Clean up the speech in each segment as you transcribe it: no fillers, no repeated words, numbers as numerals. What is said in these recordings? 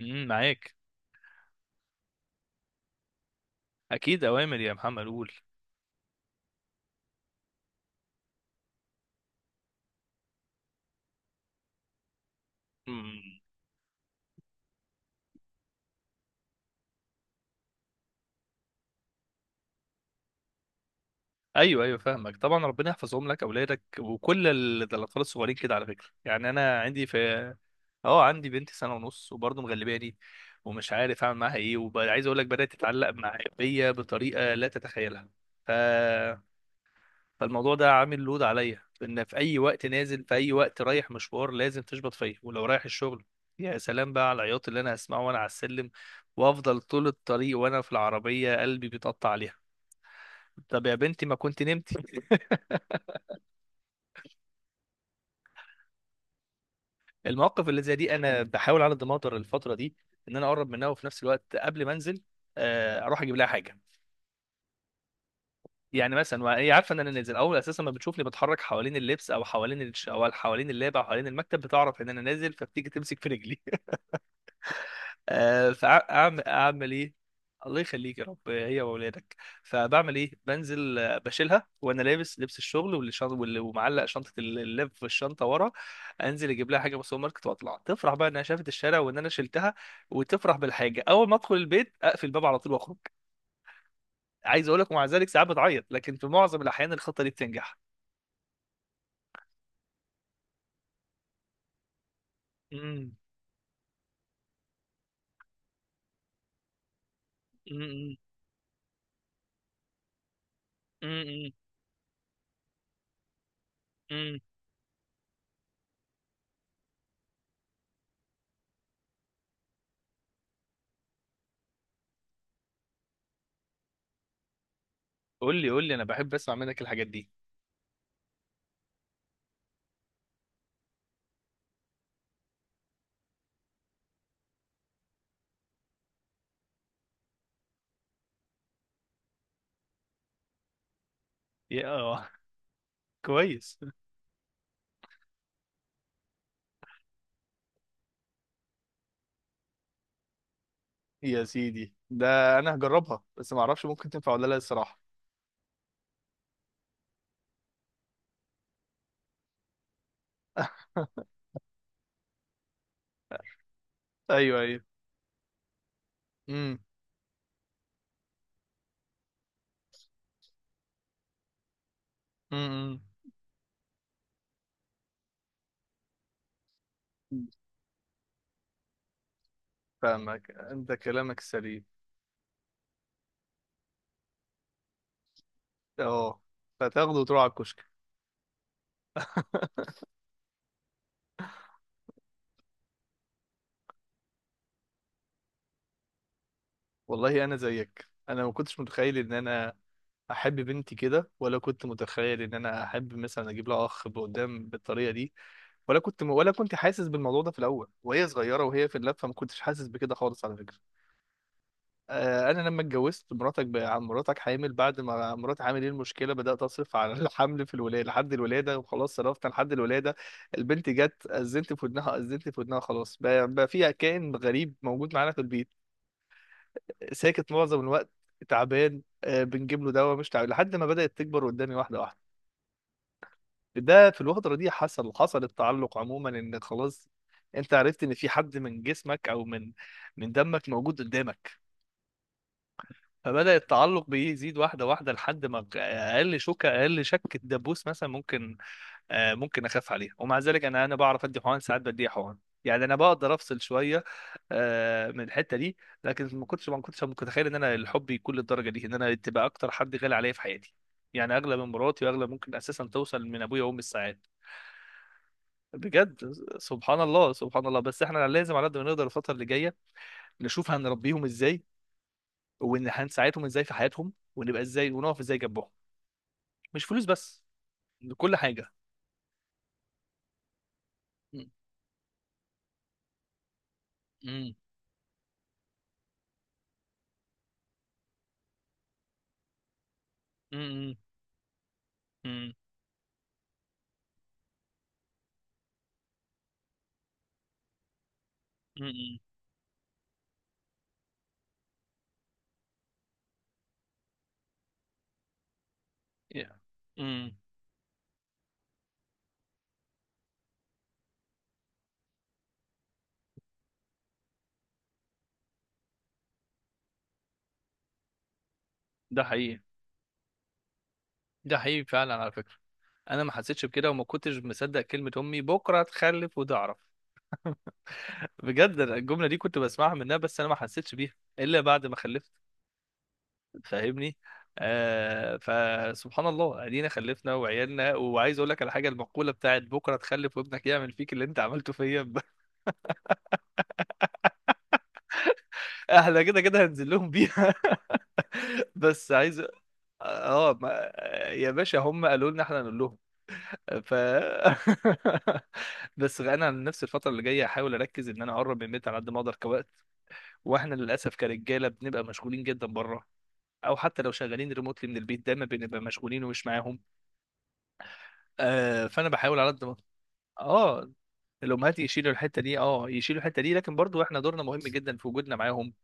معاك. اكيد، اوامر يا محمد، قول. امم ايوه، ايوه، فاهمك. طبعا ربنا يحفظهم لك اولادك، وكل ده الاطفال الصغيرين كده على فكره. يعني انا عندي، في اه عندي بنتي سنه ونص، وبرضه مغلباني، ومش عارف اعمل معاها ايه. وعايز اقول لك، بدات تتعلق بيا بطريقه لا تتخيلها. ف فالموضوع ده عامل لود عليا، ان في اي وقت نازل، في اي وقت رايح مشوار، لازم تشبط فيا. ولو رايح الشغل، يا سلام بقى على العياط اللي انا هسمعه وانا على السلم. وافضل طول الطريق وانا في العربيه قلبي بيتقطع عليها. طب يا بنتي، ما كنت نمتي؟ المواقف اللي زي دي انا بحاول على قد ما اقدر الفتره دي ان انا اقرب منها، وفي نفس الوقت قبل ما انزل اروح اجيب لها حاجه. يعني مثلا وهي عارفه ان انا نازل، اول اساسا ما بتشوفني بتحرك حوالين اللبس، او حوالين او حوالين اللاب، او حوالين المكتب، بتعرف ان انا نازل، فبتيجي تمسك في رجلي. فاعمل ايه؟ الله يخليك يا رب، هي واولادك. فبعمل ايه؟ بنزل بشيلها وانا لابس لبس الشغل، واللي شنط واللي، ومعلق شنطه اللاب في الشنطه ورا. انزل اجيب لها حاجه من السوبر ماركت، واطلع تفرح بقى انها شافت الشارع وان انا شلتها. وتفرح بالحاجه. اول ما ادخل البيت اقفل الباب على طول واخرج. عايز اقول لك، ومع ذلك ساعات بتعيط، لكن في معظم الاحيان الخطه دي بتنجح. امم. امم. امم. امم. قول لي، قول لي، انا بحب اسمع منك الحاجات دي. يا اه كويس. يا سيدي، ده انا هجربها، بس ما اعرفش ممكن تنفع ولا لا الصراحه. ايوه، ايوه. امم. امم. امم. فاهمك، انت كلامك سليم. اه، فتاخده وتروح على الكشك. والله انا زيك، انا ما كنتش متخيل ان انا احب بنتي كده، ولا كنت متخيل ان انا احب مثلا اجيب لها اخ قدام بالطريقه دي. ولا كنت حاسس بالموضوع ده في الاول وهي صغيره وهي في اللفه، ما كنتش حاسس بكده خالص على فكره. انا لما اتجوزت، مراتك بقى مراتك حامل بعد ما مراتي حامل، ايه المشكله، بدات اصرف على الحمل في الولاده لحد الولاده، وخلاص صرفت لحد الولاده. البنت جت، اذنت في ودنها، اذنت في ودنها، خلاص بقى فيها كائن غريب موجود معانا في البيت. ساكت معظم الوقت، تعبان بنجيب له دواء، مش تعبان، لحد ما بدات تكبر قدامي واحده واحده. ده في الفتره دي حصل، حصل التعلق عموما، ان خلاص انت عرفت ان في حد من جسمك، او من دمك موجود قدامك. فبدأ التعلق بيه يزيد واحدة واحدة، لحد ما أقل شك الدبوس مثلا ممكن، ممكن أخاف عليها. ومع ذلك أنا بعرف أدي حقن، ساعات بدي حقن. يعني أنا بقدر أفصل شوية من الحتة دي. لكن ما كنتش متخيل إن أنا الحب يكون للدرجة دي، إن أنا تبقى أكتر حد غالي عليا في حياتي. يعني أغلى من مراتي، وأغلى ممكن أساسا توصل من أبويا وأمي الساعات. بجد، سبحان الله، سبحان الله. بس احنا لازم على قد ما نقدر الفترة اللي جاية نشوف هنربيهم ازاي، وان هنساعدهم ازاي في حياتهم، ونبقى ازاي، ونقف ازاي جنبهم. مش فلوس بس، ده كل حاجة. مم. مم. مم. مم. مم. Yeah. مم. ده حقيقي. ده حقيقي فعلا على فكرة. انا ما حسيتش بكده، وما كنتش مصدق كلمة امي، بكرة هتخلف وتعرف. بجد، أنا الجملة دي كنت بسمعها منها، بس انا ما حسيتش بيها الا بعد ما خلفت. فاهمني. آه، فسبحان الله، ادينا خلفنا وعيالنا. وعايز اقول لك على حاجه، المقوله بتاعت بكره تخلف وابنك يعمل فيك اللي انت عملته فيا احنا كده كده هنزل لهم بيها. بس عايز. اه ما... يا باشا، هم قالوا لنا احنا نقول لهم. ف بس انا عن نفسي، الفتره اللي جايه هحاول اركز ان انا اقرب من البيت على قد ما اقدر كوقت. واحنا للاسف كرجاله بنبقى مشغولين جدا بره، او حتى لو شغالين ريموتلي من البيت دايما بنبقى مشغولين ومش معاهم. آه، فانا بحاول على قد ما. اه، الامهات يشيلوا الحته دي، اه، يشيلوا الحته دي، لكن برضو احنا دورنا مهم جدا في وجودنا معاهم،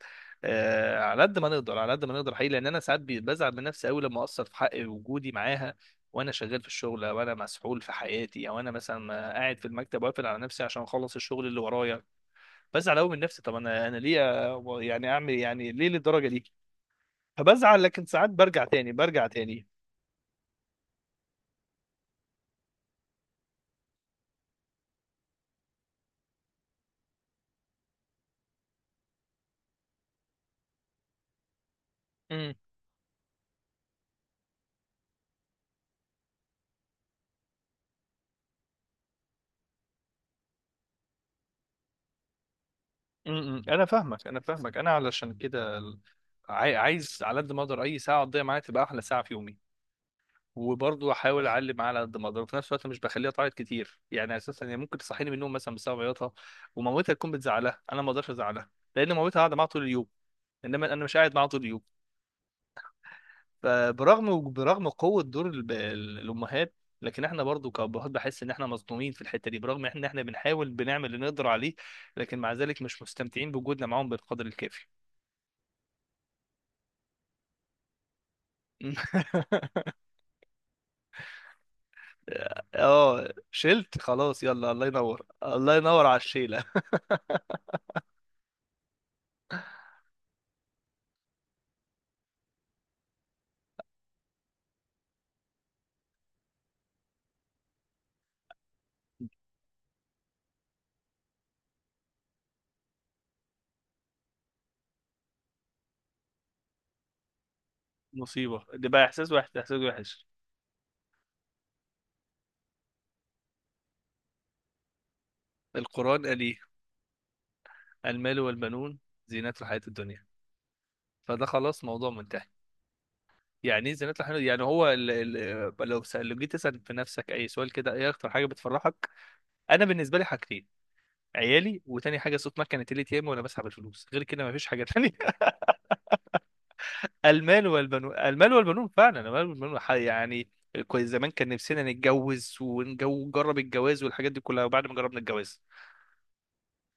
على قد ما نقدر، على قد ما نقدر حقيقي، لان انا ساعات بزعل من نفسي قوي لما اقصر في حق وجودي معاها، وانا شغال في الشغل، او انا مسحول في حياتي، او انا مثلا قاعد في المكتب واقفل على نفسي عشان اخلص الشغل اللي ورايا. بزعل قوي من نفسي. طب انا ليه يعني اعمل إيه؟ يعني ليه للدرجه دي؟ فبزعل، لكن ساعات برجع تاني. امم انا فاهمك، انا علشان كده عايز على قد ما اقدر اي ساعه اقضيها معاها تبقى احلى ساعه في يومي. وبرضه احاول اعلي معاه على قد ما اقدر، وفي نفس الوقت مش بخليها تعيط كتير. يعني اساسا هي ممكن تصحيني من النوم مثلا بسبب عياطها، ومامتها تكون بتزعلها، انا ما اقدرش ازعلها لان مامتها قاعده معاها طول اليوم، انما انا مش قاعد معاها طول اليوم. فبرغم قوه دور الامهات، لكن احنا برضو كابهات بحس ان احنا مظلومين في الحته دي، برغم ان احنا بنحاول بنعمل اللي نقدر عليه، لكن مع ذلك مش مستمتعين بوجودنا معاهم بالقدر الكافي. اه شلت خلاص، يلا، الله ينور، الله ينور على الشيله. مصيبة، ده بقى إحساس واحد، إحساس وحش. القرآن قال إيه؟ المال والبنون زينة الحياة الدنيا. فده خلاص موضوع منتهي. يعني إيه زينة الحياة الدنيا؟ يعني هو ال، لو لو جيت تسأل في نفسك أي سؤال كده، إيه أكتر حاجة بتفرحك؟ أنا بالنسبة لي حاجتين: عيالي، وتاني حاجة صوت مكنة الATM وأنا بسحب الفلوس. غير كده مفيش حاجة تانية. المال والبنون، المال والبنون فعلا، المال والبنون يعني. كويس، زمان كان نفسنا نتجوز ونجرب الجواز والحاجات دي كلها، وبعد ما جربنا الجواز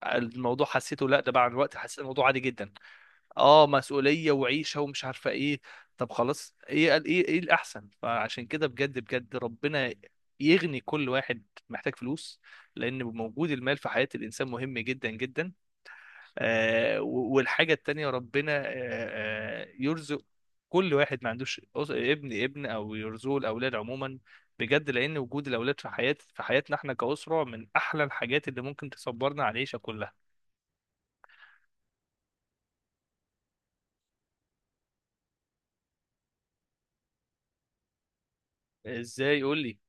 الموضوع حسيته، لا ده بعد الوقت حسيت الموضوع عادي جدا. اه، مسؤوليه وعيشه ومش عارفه ايه. طب خلاص، ايه قال، ايه ايه الاحسن؟ فعشان كده بجد بجد، ربنا يغني كل واحد محتاج فلوس، لان موجود المال في حياه الانسان مهم جدا جدا. والحاجه التانيه، ربنا يرزق كل واحد ما عندوش ابن او يرزقه الاولاد عموما. بجد، لان وجود الاولاد في حياه، في حياتنا احنا كاسره، من احلى الحاجات اللي ممكن تصبرنا على العيشه كلها. ازاي يقول لي؟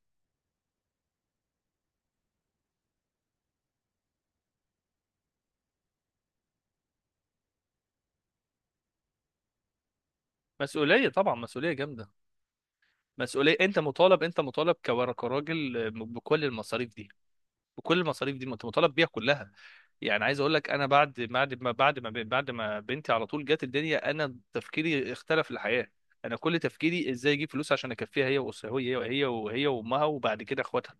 مسؤوليه طبعا، مسؤوليه جامده. مسؤوليه، انت مطالب كراجل بكل المصاريف دي، انت مطالب بيها كلها. يعني عايز اقول لك، انا بعد ما بنتي على طول جت الدنيا، انا تفكيري اختلف، الحياه، انا كل تفكيري ازاي اجيب فلوس عشان اكفيها، هي واسرها، هي هي وهي وامها، وبعد كده اخواتها.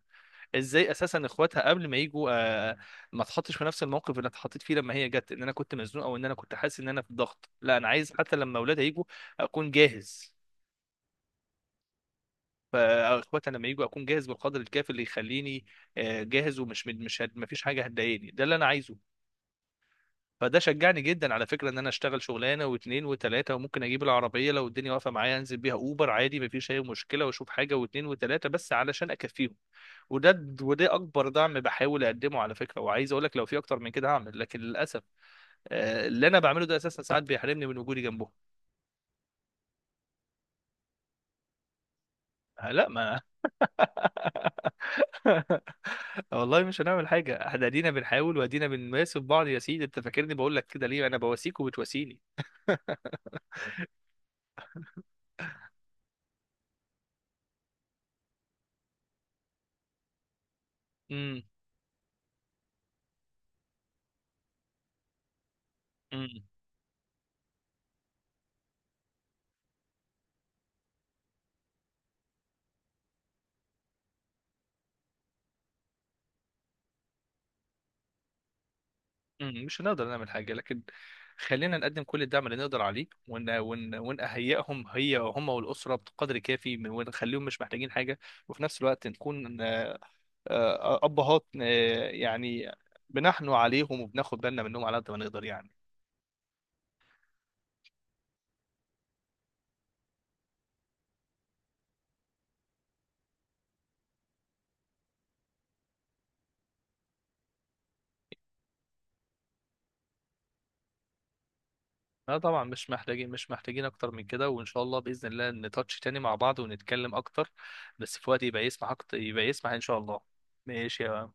ازاي اساسا اخواتها قبل ما يجوا آه، ما اتحطش في نفس الموقف اللي اتحطيت فيه لما هي جت، ان انا كنت مزنوق، او ان انا كنت حاسس ان انا في ضغط. لا، انا عايز حتى لما اولادها يجوا اكون جاهز، فاخواتي لما يجوا اكون جاهز بالقدر الكافي اللي يخليني جاهز، ومش مش، ما فيش حاجه هتضايقني، ده اللي انا عايزه. فده شجعني جدا على فكره ان انا اشتغل شغلانه واثنين وثلاثه، وممكن اجيب العربيه لو الدنيا واقفه معايا انزل بيها اوبر عادي ما فيش اي مشكله، واشوف حاجه واثنين وثلاثه، بس علشان اكفيهم. وده اكبر دعم بحاول اقدمه على فكره. وعايز اقول لك، لو في اكتر من كده هعمل، لكن للاسف اللي انا بعمله ده اساسا ساعات بيحرمني من وجودي جنبهم. لا ما والله مش هنعمل حاجة. احنا ادينا بنحاول، وادينا بنماسك بعض. يا سيدي، انت فاكرني بقول لك كده ليه؟ انا بواسيك وبتواسيني. امم امم امم، مش هنقدر نعمل حاجة، لكن خلينا نقدم كل الدعم اللي نقدر عليه، ون ون ونهيئهم، هي هم والأسرة بقدر كافي ونخليهم مش محتاجين حاجة. وفي نفس الوقت نكون أبهات يعني بنحنو عليهم، وبناخد بالنا منهم على قد ما نقدر يعني. لا طبعا، مش محتاجين، مش محتاجين اكتر من كده. وان شاء الله باذن الله نتاتش تاني مع بعض ونتكلم اكتر، بس في وقت يبقى يسمح اكتر، يبقى يسمح ان شاء الله. ماشي يا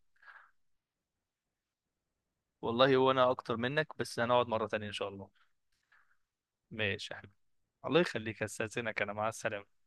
والله هو انا اكتر منك، بس هنقعد مره تانية ان شاء الله. ماشي يا حبيبي، الله يخليك، استاذنك، انا مع السلامه.